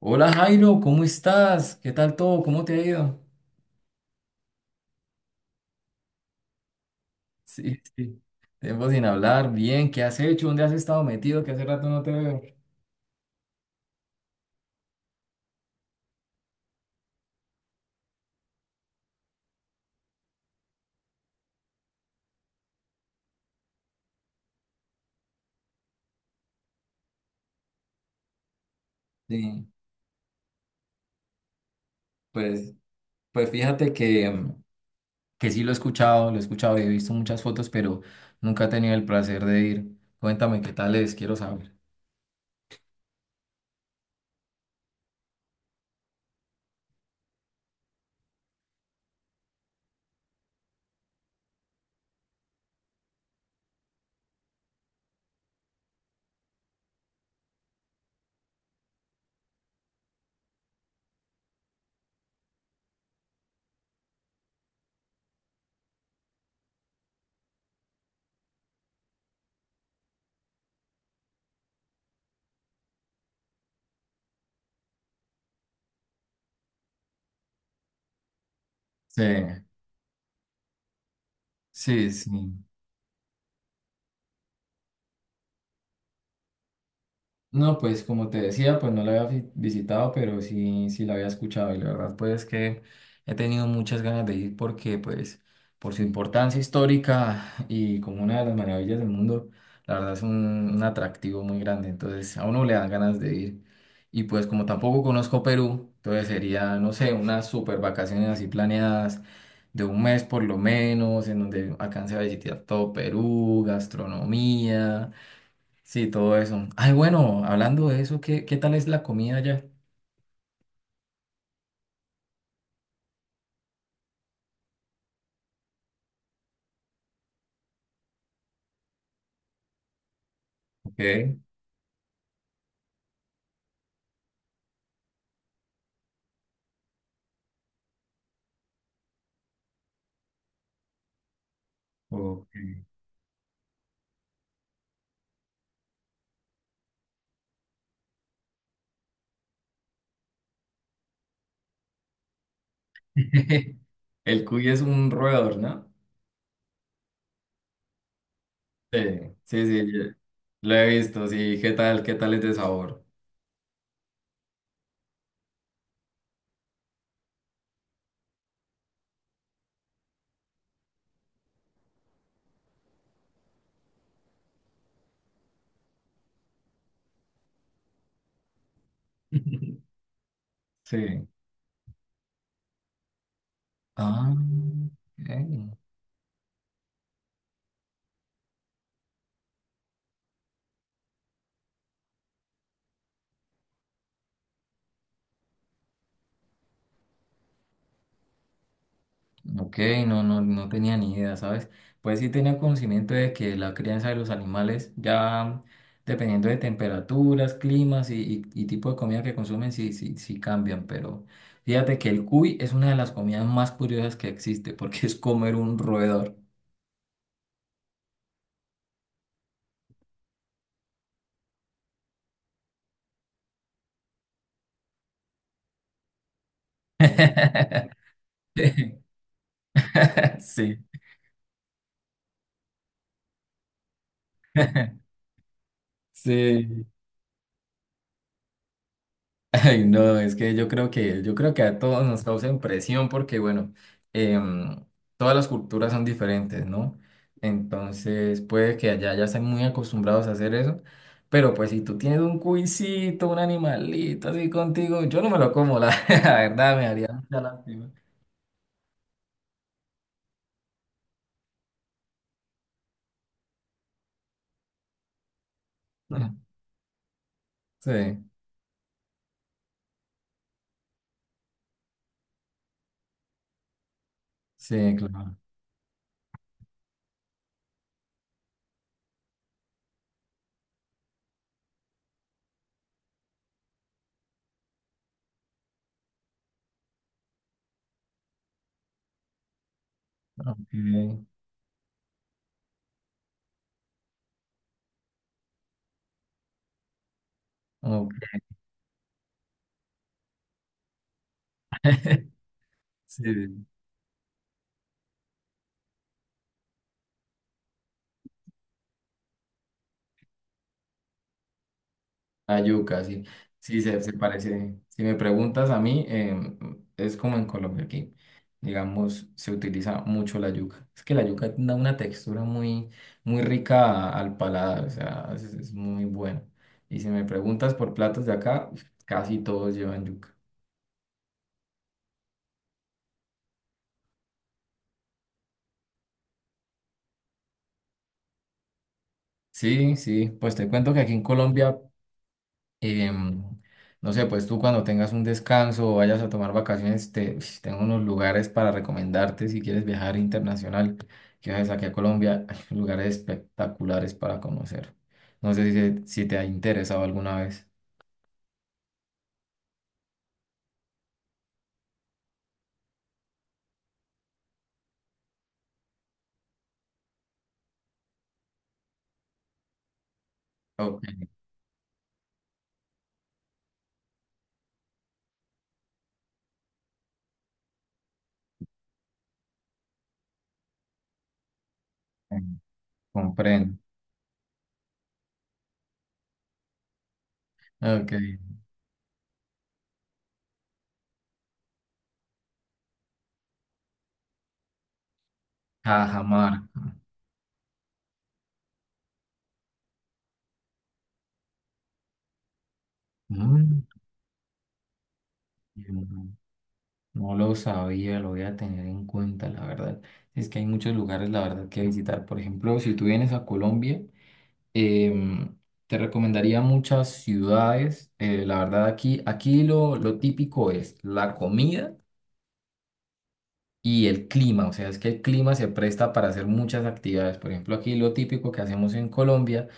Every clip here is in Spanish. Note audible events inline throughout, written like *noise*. Hola Jairo, ¿cómo estás? ¿Qué tal todo? ¿Cómo te ha ido? Sí, sí. Tiempo sin hablar, bien, ¿qué has hecho? ¿Dónde has estado metido? Que hace rato no te veo. Sí, pues, pues fíjate que sí lo he escuchado y he visto muchas fotos, pero nunca he tenido el placer de ir. Cuéntame qué tal es, quiero saber. Sí, sí, sí. No, pues como te decía, pues no la había visitado, pero sí, sí la había escuchado y la verdad pues que he tenido muchas ganas de ir porque pues por su importancia histórica y como una de las maravillas del mundo, la verdad es un atractivo muy grande, entonces a uno le dan ganas de ir y pues como tampoco conozco Perú, entonces sería, no sé, unas super vacaciones así planeadas de un mes por lo menos, en donde alcance a visitar todo Perú, gastronomía. Sí, todo eso. Ay, bueno, hablando de eso, ¿qué tal es la comida allá? Ok, ok. *laughs* El cuy es un roedor, ¿no? Sí, sí, sí, yo lo he visto, sí. ¿Qué tal es de sabor? *laughs* Sí. Ah, ok. Ok, no, no, no tenía ni idea, ¿sabes? Pues sí tenía conocimiento de que la crianza de los animales, ya dependiendo de temperaturas, climas y tipo de comida que consumen, sí, sí, sí cambian, pero fíjate que el cuy es una de las comidas más curiosas que existe, porque es comer un roedor. *laughs* Sí, *laughs* sí. Ay, no, es que yo creo que a todos nos causa impresión porque, bueno, em, todas las culturas son diferentes, ¿no? Entonces, puede que allá ya estén muy acostumbrados a hacer eso, pero pues si tú tienes un cuisito, un animalito así contigo, yo no me lo como, la, *laughs* la verdad, me haría mucha lástima. *laughs* Sí, sí, claro. Ok, ok, *laughs* sí. La yuca, sí. Sí, se parece. Si me preguntas a mí, es como en Colombia aquí. Digamos, se utiliza mucho la yuca. Es que la yuca da una textura muy, muy rica al paladar, o sea, es muy buena. Y si me preguntas por platos de acá, uf, casi todos llevan yuca. Sí, sí, pues te cuento que aquí en Colombia, em, no sé, pues tú cuando tengas un descanso o vayas a tomar vacaciones, tengo unos lugares para recomendarte si quieres viajar internacional, que viajes aquí a Colombia, hay *laughs* lugares espectaculares para conocer. No sé si te ha interesado alguna vez. Ok, comprendo. Ok, Cajamarca. Mm, No lo sabía, lo voy a tener en cuenta, la verdad. Es que hay muchos lugares, la verdad, que visitar. Por ejemplo, si tú vienes a Colombia, Em, te recomendaría muchas ciudades. La verdad, aquí lo típico es la comida y el clima, o sea, es que el clima se presta para hacer muchas actividades. Por ejemplo, aquí lo típico que hacemos en Colombia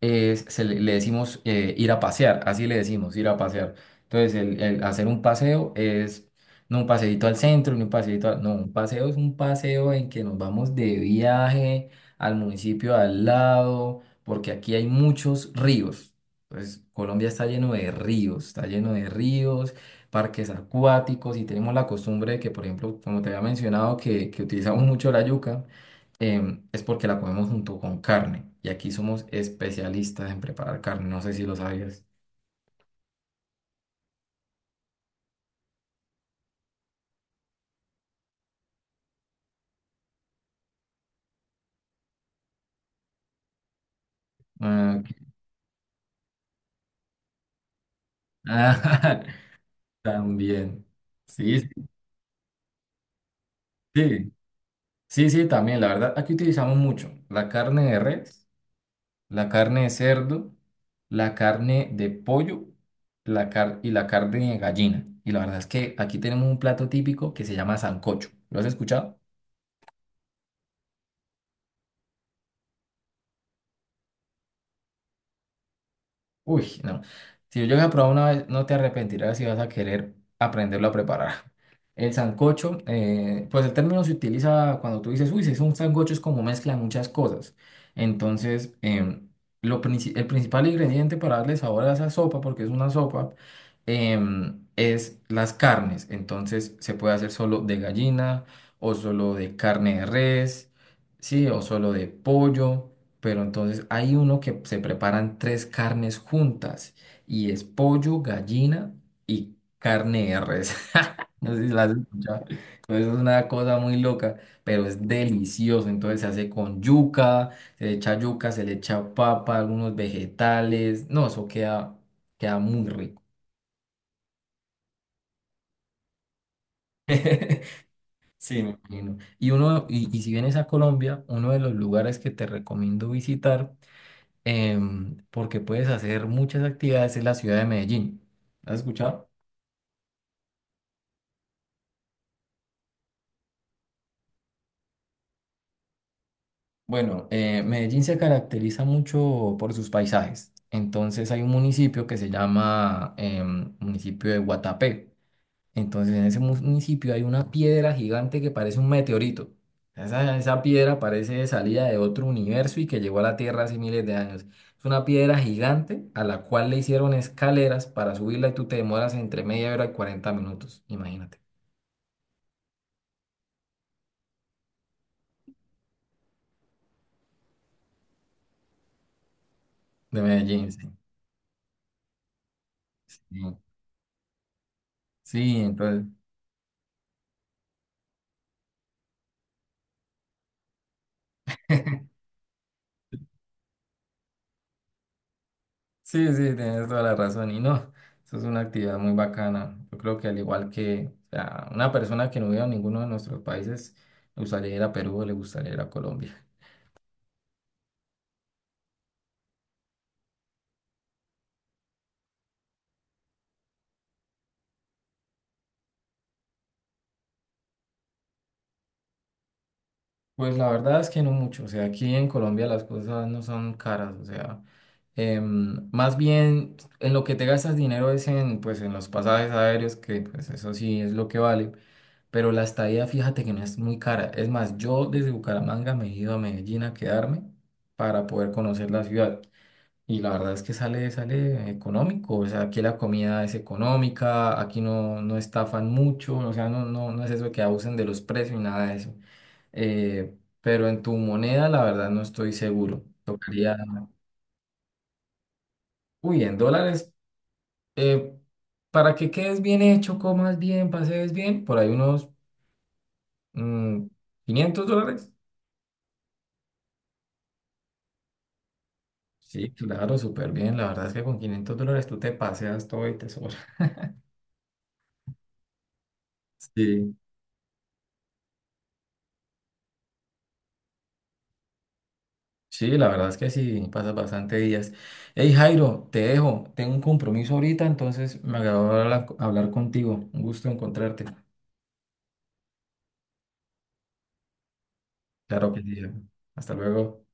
se le decimos, ir a pasear, así le decimos, ir a pasear. Entonces, el hacer un paseo es no un paseíto al centro, ni un paseíto, no, un paseo es un paseo en que nos vamos de viaje al municipio al lado, porque aquí hay muchos ríos. Entonces, Colombia está lleno de ríos, está lleno de ríos, parques acuáticos, y tenemos la costumbre de que, por ejemplo, como te había mencionado, que utilizamos mucho la yuca, es porque la comemos junto con carne. Y aquí somos especialistas en preparar carne, no sé si lo sabías. Ah, ok. Ah, *laughs* también. Sí, sí, sí, sí, sí, también. La verdad, aquí utilizamos mucho la carne de res, la carne de cerdo, la carne de pollo, y la carne de gallina. Y la verdad es que aquí tenemos un plato típico que se llama sancocho. ¿Lo has escuchado? Uy, no. Si yo llego a probar una vez, no te arrepentirás, si vas a querer aprenderlo a preparar. El sancocho, pues el término se utiliza cuando tú dices, uy, si es un sancocho, es como mezcla de muchas cosas. Entonces, el principal ingrediente para darle sabor a esa sopa, porque es una sopa, es las carnes. Entonces, se puede hacer solo de gallina, o solo de carne de res, sí, o solo de pollo. Pero entonces hay uno que se preparan tres carnes juntas, y es pollo, gallina y carne de res. *laughs* No sé si la has escuchado. Entonces es una cosa muy loca, pero es delicioso. Entonces se hace con yuca, se le echa yuca, se le echa papa, algunos vegetales. No, eso queda, muy rico. *laughs* Sí, me Y, imagino. Y uno, y si vienes a Colombia, uno de los lugares que te recomiendo visitar, porque puedes hacer muchas actividades en la ciudad de Medellín. ¿Has escuchado? Bueno, Medellín se caracteriza mucho por sus paisajes. Entonces hay un municipio que se llama, municipio de Guatapé. Entonces en ese municipio hay una piedra gigante que parece un meteorito. Esa piedra parece de salida de otro universo y que llegó a la Tierra hace miles de años. Es una piedra gigante a la cual le hicieron escaleras para subirla y tú te demoras entre media hora y 40 minutos. Imagínate. De Medellín, sí. Sí, sí, entonces, sí, sí, tienes toda la razón. Y no, eso es una actividad muy bacana. Yo creo que, al igual que, o sea, una persona que no viva en ninguno de nuestros países, le gustaría ir a Perú, le gustaría ir a Colombia. Pues la verdad es que no mucho, o sea, aquí en Colombia las cosas no son caras, o sea, más bien en lo que te gastas dinero es en, pues, en los pasajes aéreos, que pues eso sí es lo que vale, pero la estadía fíjate que no es muy cara, es más, yo desde Bucaramanga me he ido a Medellín a quedarme para poder conocer la ciudad. Y la verdad es que sale económico, o sea, aquí la comida es económica, aquí no estafan mucho, o sea, no es eso de que abusen de los precios y nada de eso. Pero en tu moneda, la verdad, no estoy seguro. Tocaría, uy, en dólares, eh, para que quedes bien hecho, comas bien, pasees bien, por ahí unos, mm, $500. Sí, claro, súper bien. La verdad es que con $500 tú te paseas todo y te sobra. *laughs* Sí. Sí, la verdad es que sí, pasa bastante días. Hey Jairo, te dejo, tengo un compromiso ahorita, entonces me agradó hablar, contigo. Un gusto encontrarte. Claro que sí. Hasta luego.